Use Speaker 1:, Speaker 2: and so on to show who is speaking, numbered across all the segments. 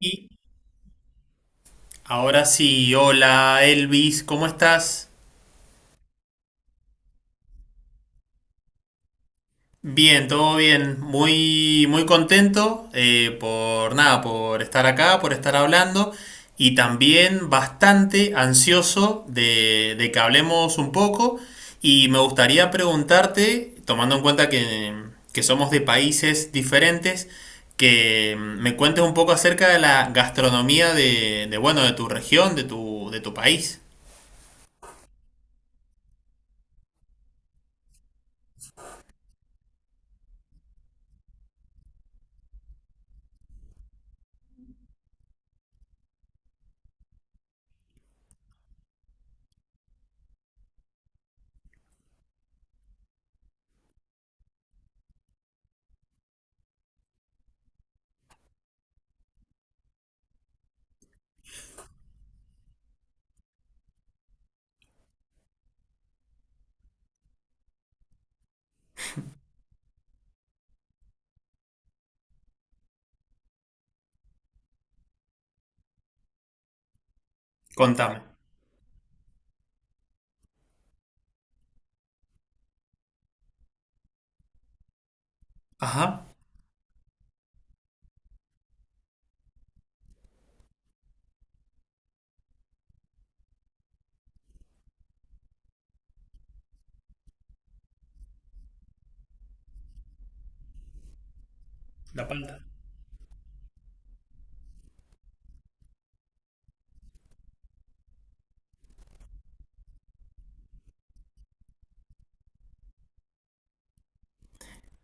Speaker 1: Y ahora sí, hola Elvis, ¿cómo estás? Bien, todo bien, muy, muy contento, por nada, por estar acá, por estar hablando y también bastante ansioso de que hablemos un poco y me gustaría preguntarte, tomando en cuenta que somos de países diferentes, que me cuentes un poco acerca de la gastronomía bueno, de tu región, de tu país. Contame. Ajá. La palta.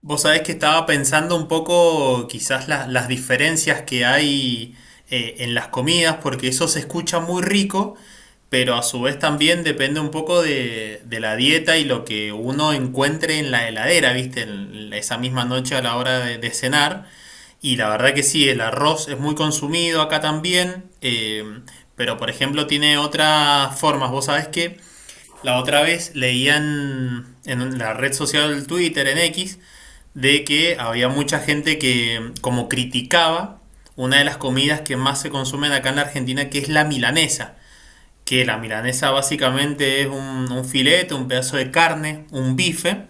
Speaker 1: Vos sabés que estaba pensando un poco quizás las diferencias que hay en las comidas, porque eso se escucha muy rico, pero a su vez también depende un poco de la dieta y lo que uno encuentre en la heladera, ¿viste? Esa misma noche a la hora de cenar. Y la verdad que sí, el arroz es muy consumido acá también, pero por ejemplo tiene otras formas. Vos sabés que La otra vez leían en la red social Twitter, en X, de que había mucha gente que como criticaba una de las comidas que más se consumen acá en la Argentina, que es la milanesa. Que la milanesa básicamente es un filete, un pedazo de carne, un bife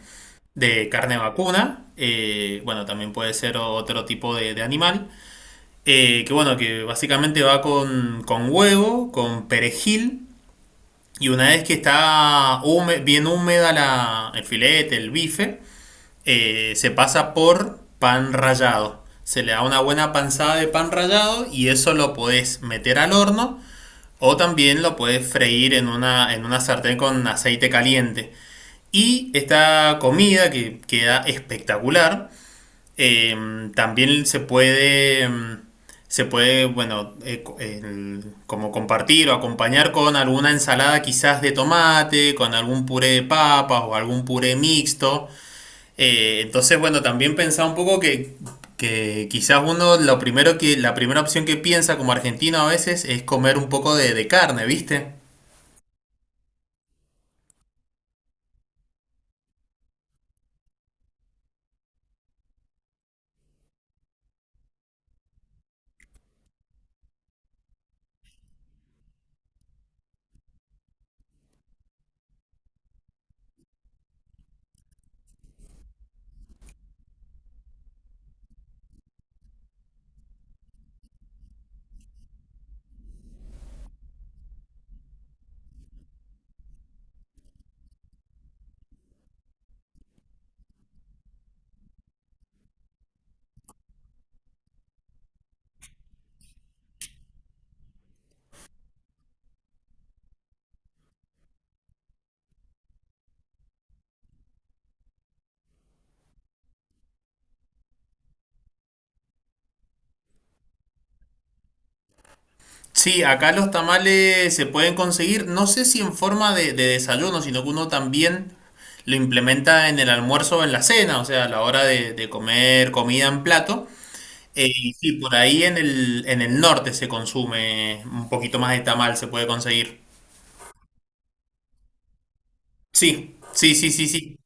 Speaker 1: de carne vacuna. Bueno, también puede ser otro tipo de animal. Que bueno, que básicamente va con huevo, con perejil, y una vez que está bien húmeda el filete, el bife, se pasa por pan rallado. Se le da una buena panzada de pan rallado y eso lo podés meter al horno o también lo podés freír en una sartén con aceite caliente. Y esta comida que queda espectacular, también se puede, mm, se puede, bueno, como compartir o acompañar con alguna ensalada quizás de tomate, con algún puré de papas o algún puré mixto. Entonces, bueno, también pensaba un poco que quizás uno lo primero que, la primera opción que piensa como argentino a veces es comer un poco de carne, ¿viste? Sí, acá los tamales se pueden conseguir, no sé si en forma de desayuno, sino que uno también lo implementa en el almuerzo o en la cena, o sea, a la hora de comer comida en plato. Y sí, por ahí en el norte se consume un poquito más de tamal, se puede conseguir. Sí, sí, sí, sí, sí.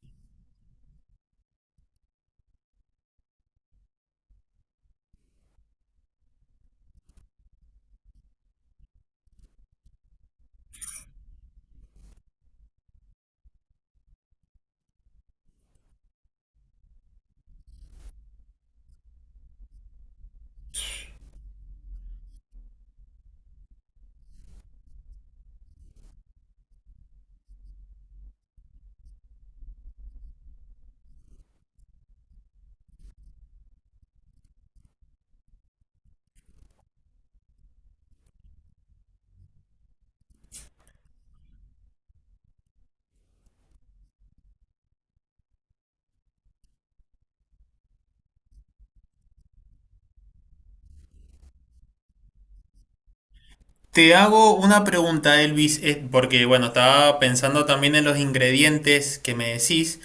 Speaker 1: Te hago una pregunta, Elvis, porque bueno, estaba pensando también en los ingredientes que me decís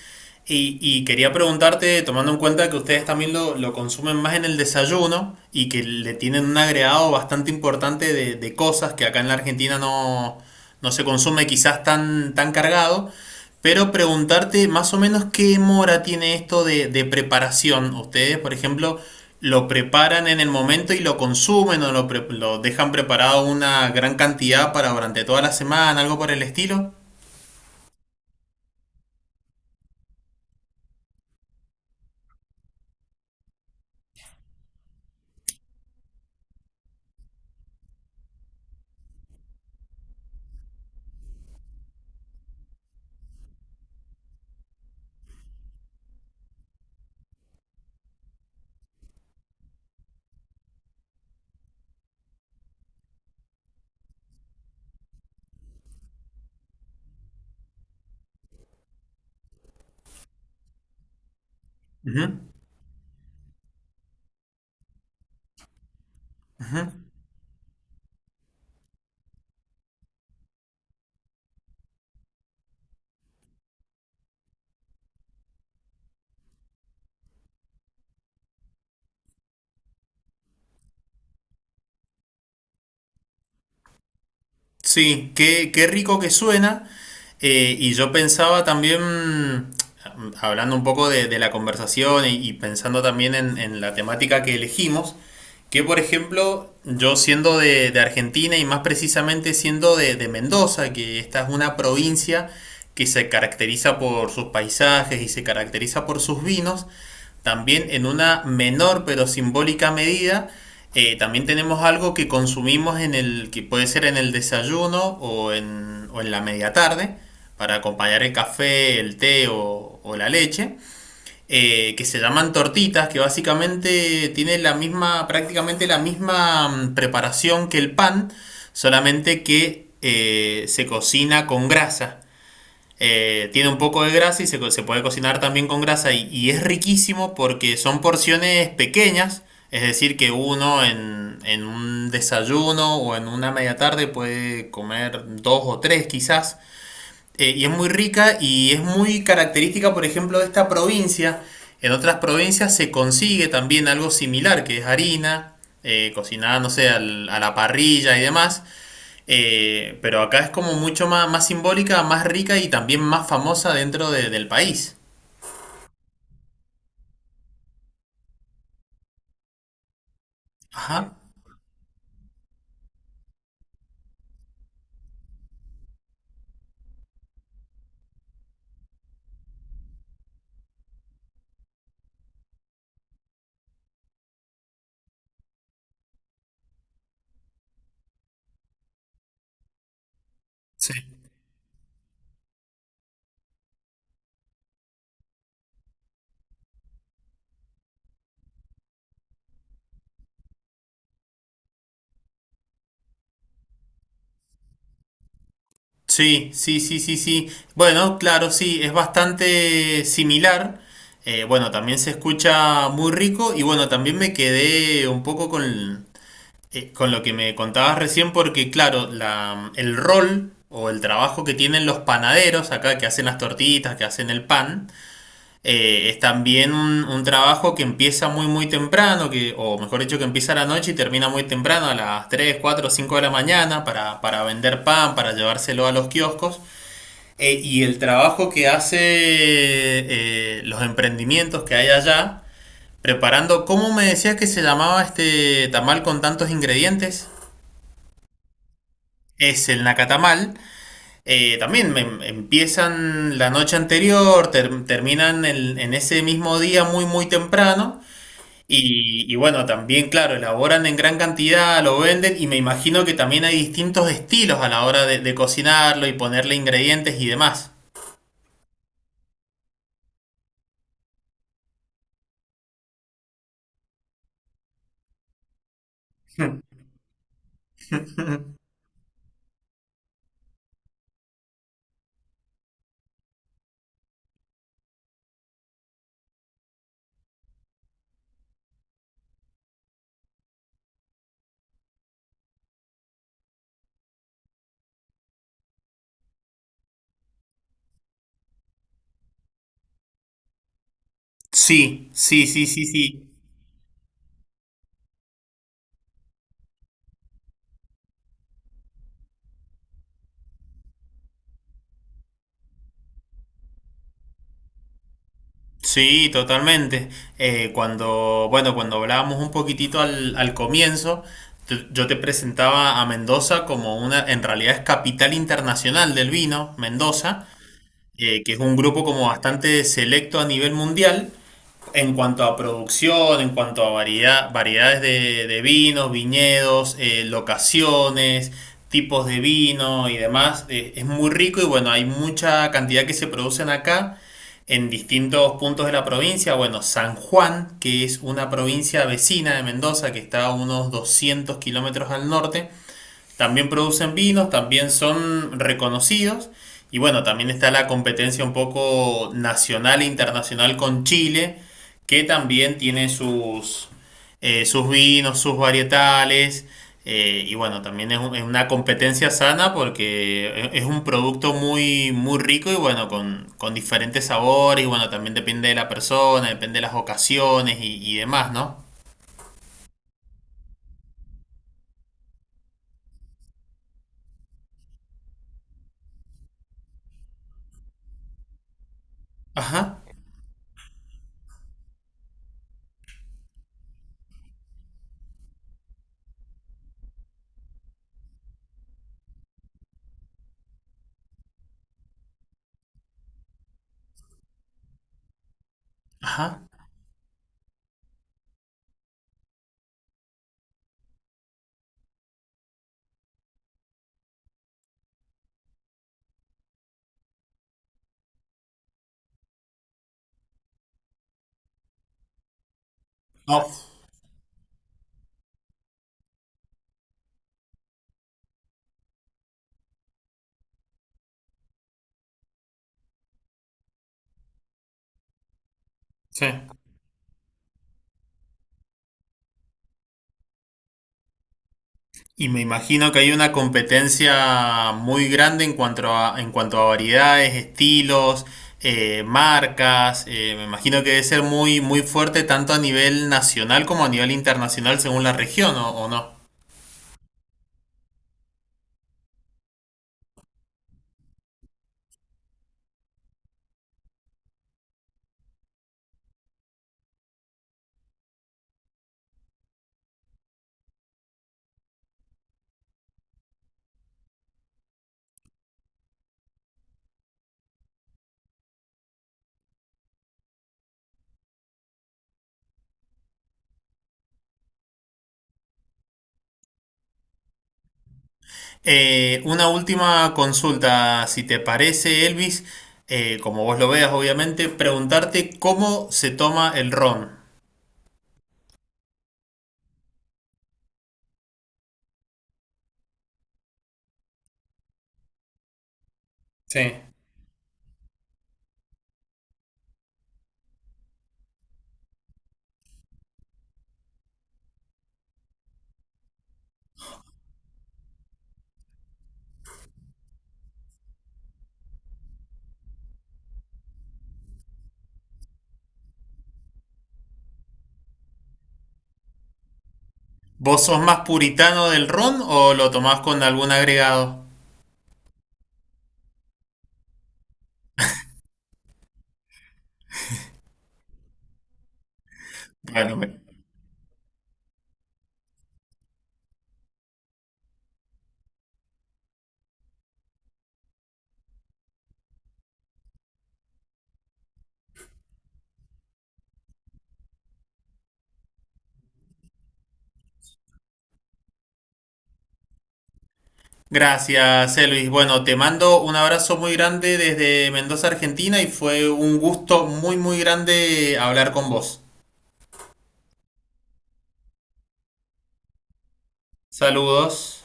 Speaker 1: y quería preguntarte, tomando en cuenta que ustedes también lo consumen más en el desayuno y que le tienen un agregado bastante importante de cosas que acá en la Argentina no, no se consume quizás tan, tan cargado, pero preguntarte más o menos qué mora tiene esto de preparación. Ustedes, por ejemplo, lo preparan en el momento y lo consumen o lo dejan preparado una gran cantidad para durante toda la semana, algo por el estilo. Ujú, ujú. Sí, qué, qué rico que suena. Y yo pensaba también, hablando un poco de la conversación y pensando también en la temática que elegimos, que por ejemplo, yo siendo de Argentina y más precisamente siendo de Mendoza, que esta es una provincia que se caracteriza por sus paisajes y se caracteriza por sus vinos, también en una menor pero simbólica medida. También tenemos algo que consumimos en el, que puede ser en el desayuno o en la media tarde, para acompañar el café, el té o la leche, que se llaman tortitas, que básicamente tienen la misma, prácticamente la misma, preparación que el pan, solamente que, se cocina con grasa. Tiene un poco de grasa y se puede cocinar también con grasa y es riquísimo porque son porciones pequeñas, es decir, que uno en un desayuno o en una media tarde puede comer dos o tres quizás. Y es muy rica y es muy característica, por ejemplo, de esta provincia. En otras provincias se consigue también algo similar, que es harina, cocinada, no sé, a la parrilla y demás. Pero acá es como mucho más, más simbólica, más rica y también más famosa dentro del país. Ajá. Sí. Sí, sí, sí, sí, sí. Bueno, claro, sí, es bastante similar. Bueno, también se escucha muy rico y bueno, también me quedé un poco con lo que me contabas recién porque claro, el rol o el trabajo que tienen los panaderos acá que hacen las tortitas, que hacen el pan, es también un trabajo que empieza muy muy temprano, que, o mejor dicho, que empieza a la noche y termina muy temprano, a las 3, 4, 5 de la mañana, para vender pan, para llevárselo a los kioscos. Y el trabajo que hace, los emprendimientos que hay allá, preparando, ¿cómo me decías que se llamaba este tamal con tantos ingredientes? Es el nacatamal. También empiezan la noche anterior, terminan en ese mismo día muy muy temprano. Y bueno, también, claro, elaboran en gran cantidad, lo venden y me imagino que también hay distintos estilos a la hora de cocinarlo y ponerle ingredientes y demás. Sí, sí, sí, sí, sí. Sí, totalmente. Cuando, bueno, cuando hablábamos un poquitito al comienzo, yo te presentaba a Mendoza como una, en realidad es capital internacional del vino, Mendoza, que es un grupo como bastante selecto a nivel mundial. En cuanto a producción, en cuanto a variedad, variedades de vinos, viñedos, locaciones, tipos de vino y demás, es muy rico y bueno, hay mucha cantidad que se producen acá en distintos puntos de la provincia. Bueno, San Juan, que es una provincia vecina de Mendoza, que está a unos 200 kilómetros al norte, también producen vinos, también son reconocidos. Y bueno, también está la competencia un poco nacional e internacional con Chile, que también tiene sus, sus vinos, sus varietales. Y bueno, también es, es una competencia sana porque es un producto muy, muy rico y bueno, con diferentes sabores. Y bueno, también depende de la persona, depende de las ocasiones y demás, ¿no? Ajá, ajá. Oh, sí. Y me imagino que hay una competencia muy grande en cuanto a variedades, estilos, marcas. Me imagino que debe ser muy, muy fuerte tanto a nivel nacional como a nivel internacional según la región, o no? Una última consulta, si te parece, Elvis, como vos lo veas, obviamente, preguntarte cómo se toma el ron. Sí. ¿Vos sos más puritano del ron o lo tomás con algún agregado? Bueno, me... Gracias, Luis. Bueno, te mando un abrazo muy grande desde Mendoza, Argentina, y fue un gusto muy, muy grande hablar con vos. Saludos.